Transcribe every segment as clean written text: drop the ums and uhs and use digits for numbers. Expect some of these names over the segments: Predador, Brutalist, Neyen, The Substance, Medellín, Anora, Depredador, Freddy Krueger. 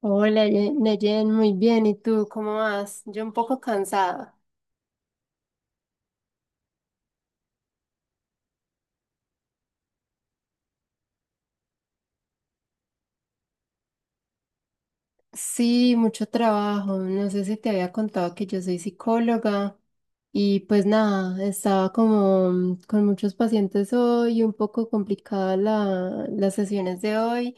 Hola, Neyen, muy bien. ¿Y tú cómo vas? Yo un poco cansada. Sí, mucho trabajo. No sé si te había contado que yo soy psicóloga y pues nada, estaba como con muchos pacientes hoy, un poco complicada las sesiones de hoy.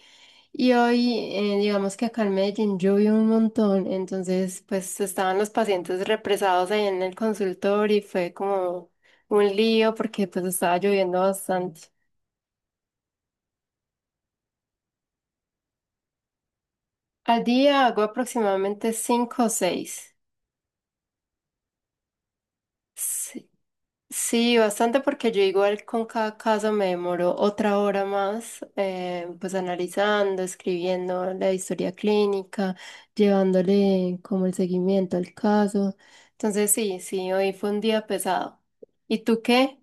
Y hoy, digamos que acá en Medellín llovió un montón, entonces pues estaban los pacientes represados ahí en el consultorio y fue como un lío porque pues estaba lloviendo bastante. Al día hago aproximadamente cinco o seis. Sí, sí, bastante porque yo igual con cada caso me demoro otra hora más, pues analizando, escribiendo la historia clínica, llevándole como el seguimiento al caso. Entonces sí, sí, hoy fue un día pesado. ¿Y tú qué?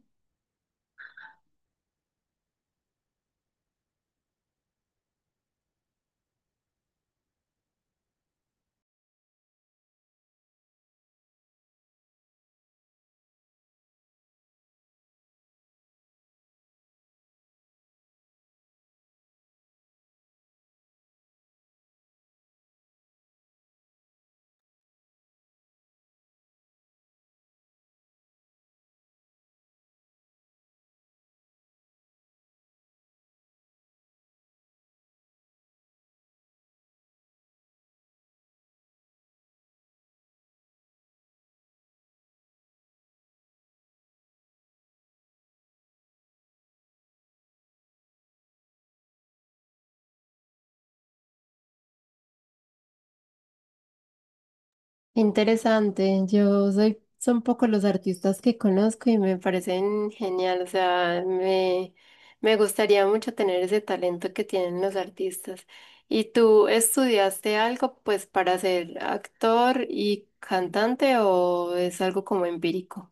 Interesante, yo soy, son pocos los artistas que conozco y me parecen genial, o sea, me gustaría mucho tener ese talento que tienen los artistas. ¿Y tú estudiaste algo pues para ser actor y cantante o es algo como empírico?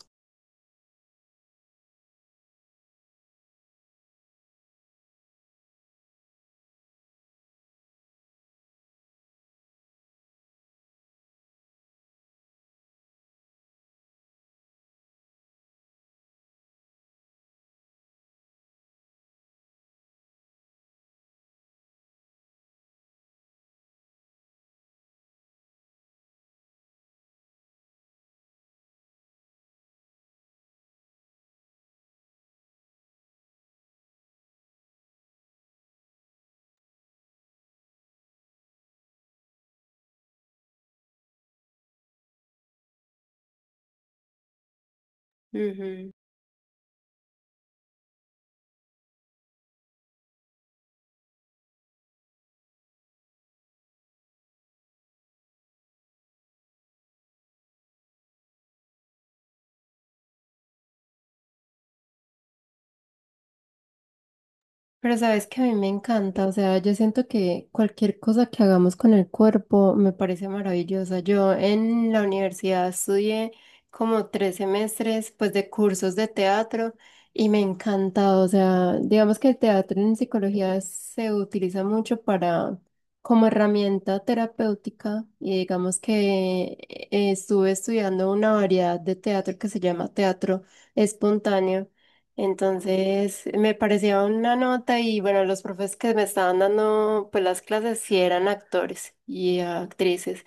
Pero sabes que a mí me encanta, o sea, yo siento que cualquier cosa que hagamos con el cuerpo me parece maravillosa. Yo en la universidad estudié como tres semestres, pues, de cursos de teatro y me encanta, o sea, digamos que el teatro en psicología se utiliza mucho para como herramienta terapéutica y digamos que estuve estudiando una variedad de teatro que se llama teatro espontáneo. Entonces me parecía una nota y bueno, los profes que me estaban dando pues las clases sí eran actores y actrices.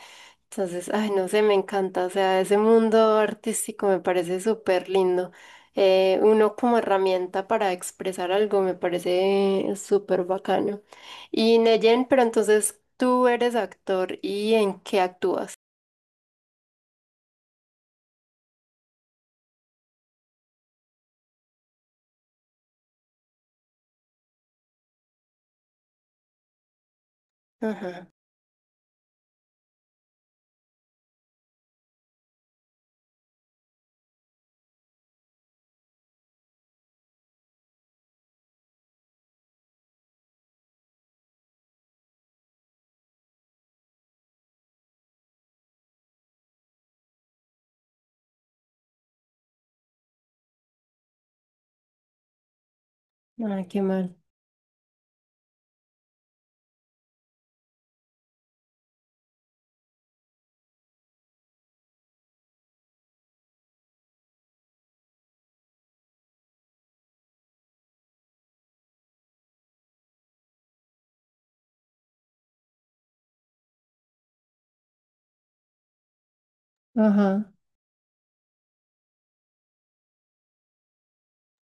Entonces, ay, no sé, me encanta, o sea, ese mundo artístico me parece súper lindo. Uno como herramienta para expresar algo me parece súper bacano. Y Neyen, pero entonces tú eres actor y ¿en qué actúas? Ajá. Ay, qué mal. Ajá.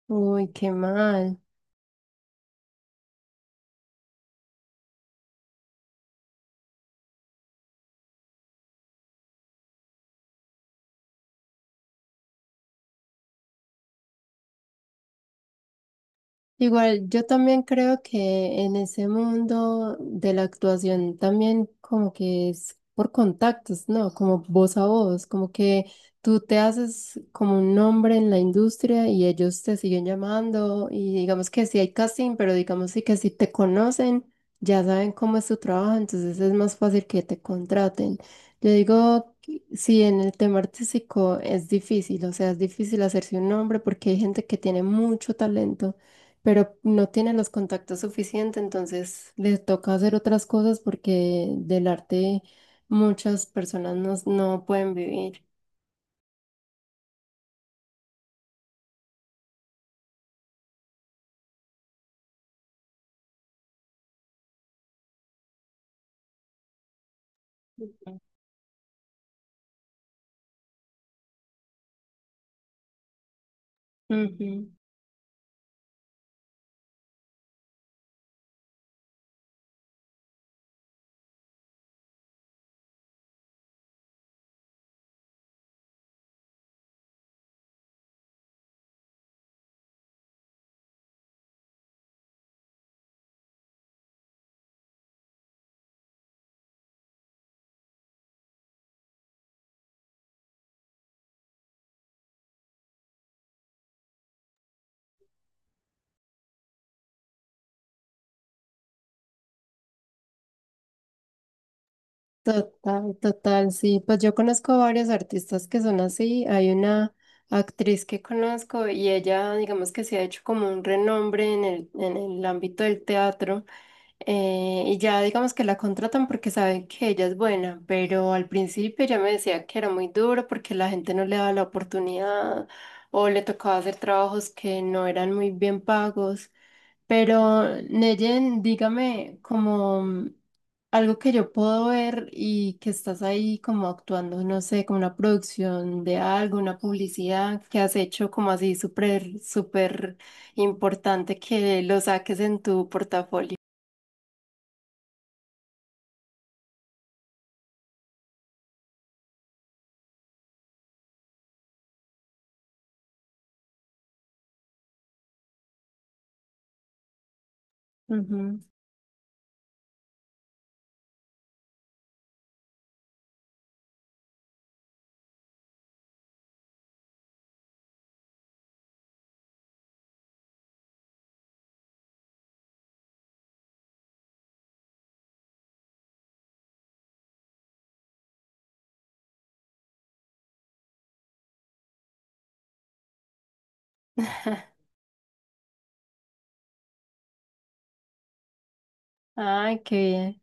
Uy, qué mal. Igual, yo también creo que en ese mundo de la actuación también como que es por contactos, ¿no? Como voz a voz, como que tú te haces como un nombre en la industria y ellos te siguen llamando y digamos que sí hay casting, pero digamos sí que si te conocen, ya saben cómo es tu trabajo, entonces es más fácil que te contraten. Yo digo, que sí, en el tema artístico es difícil, o sea, es difícil hacerse un nombre porque hay gente que tiene mucho talento pero no tiene los contactos suficientes, entonces le toca hacer otras cosas porque del arte muchas personas no pueden vivir. Ujú. Total, total, sí. Pues yo conozco varios artistas que son así. Hay una actriz que conozco y ella, digamos que se ha hecho como un renombre en en el ámbito del teatro. Y ya digamos que la contratan porque saben que ella es buena, pero al principio ella me decía que era muy duro porque la gente no le daba la oportunidad o le tocaba hacer trabajos que no eran muy bien pagos. Pero, Neyen, dígame, como... Algo que yo puedo ver y que estás ahí como actuando, no sé, como una producción de algo, una publicidad que has hecho como así súper, súper importante que lo saques en tu portafolio. Ujú. Ay, qué bien.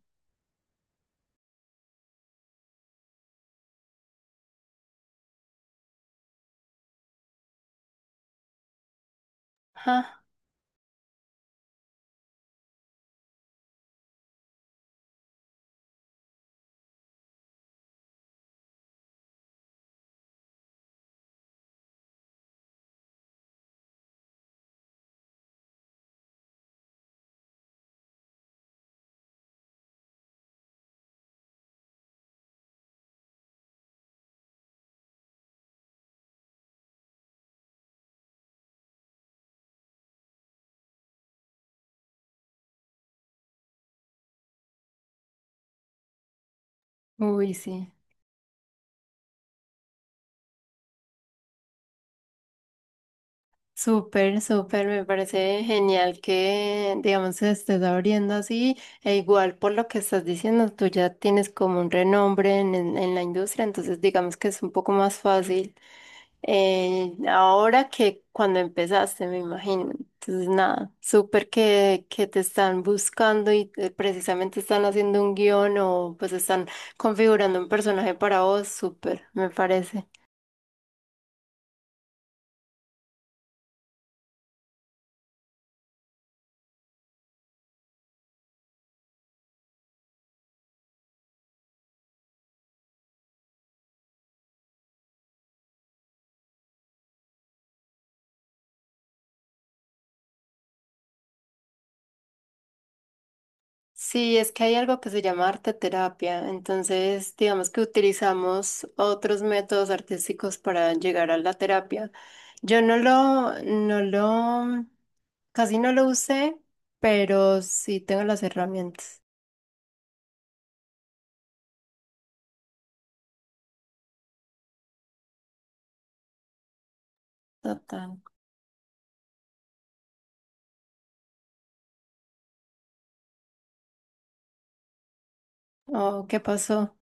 Ja, uy, sí. Súper, súper, me parece genial que, digamos, se estés abriendo así, e igual por lo que estás diciendo, tú ya tienes como un renombre en, en la industria, entonces digamos que es un poco más fácil ahora que cuando empezaste, me imagino. Entonces, nada, súper que te están buscando y precisamente están haciendo un guión o pues están configurando un personaje para vos, súper, me parece. Sí, es que hay algo que se llama arte terapia, entonces digamos que utilizamos otros métodos artísticos para llegar a la terapia. Yo no no casi no lo usé, pero sí tengo las herramientas. Total. Oh, ¿qué pasó?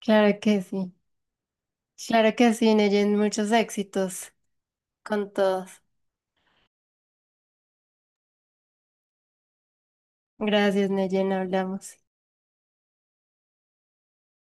Claro que sí. Claro que sí, Neyen, muchos éxitos con todos. Gracias, Neyen, hablamos.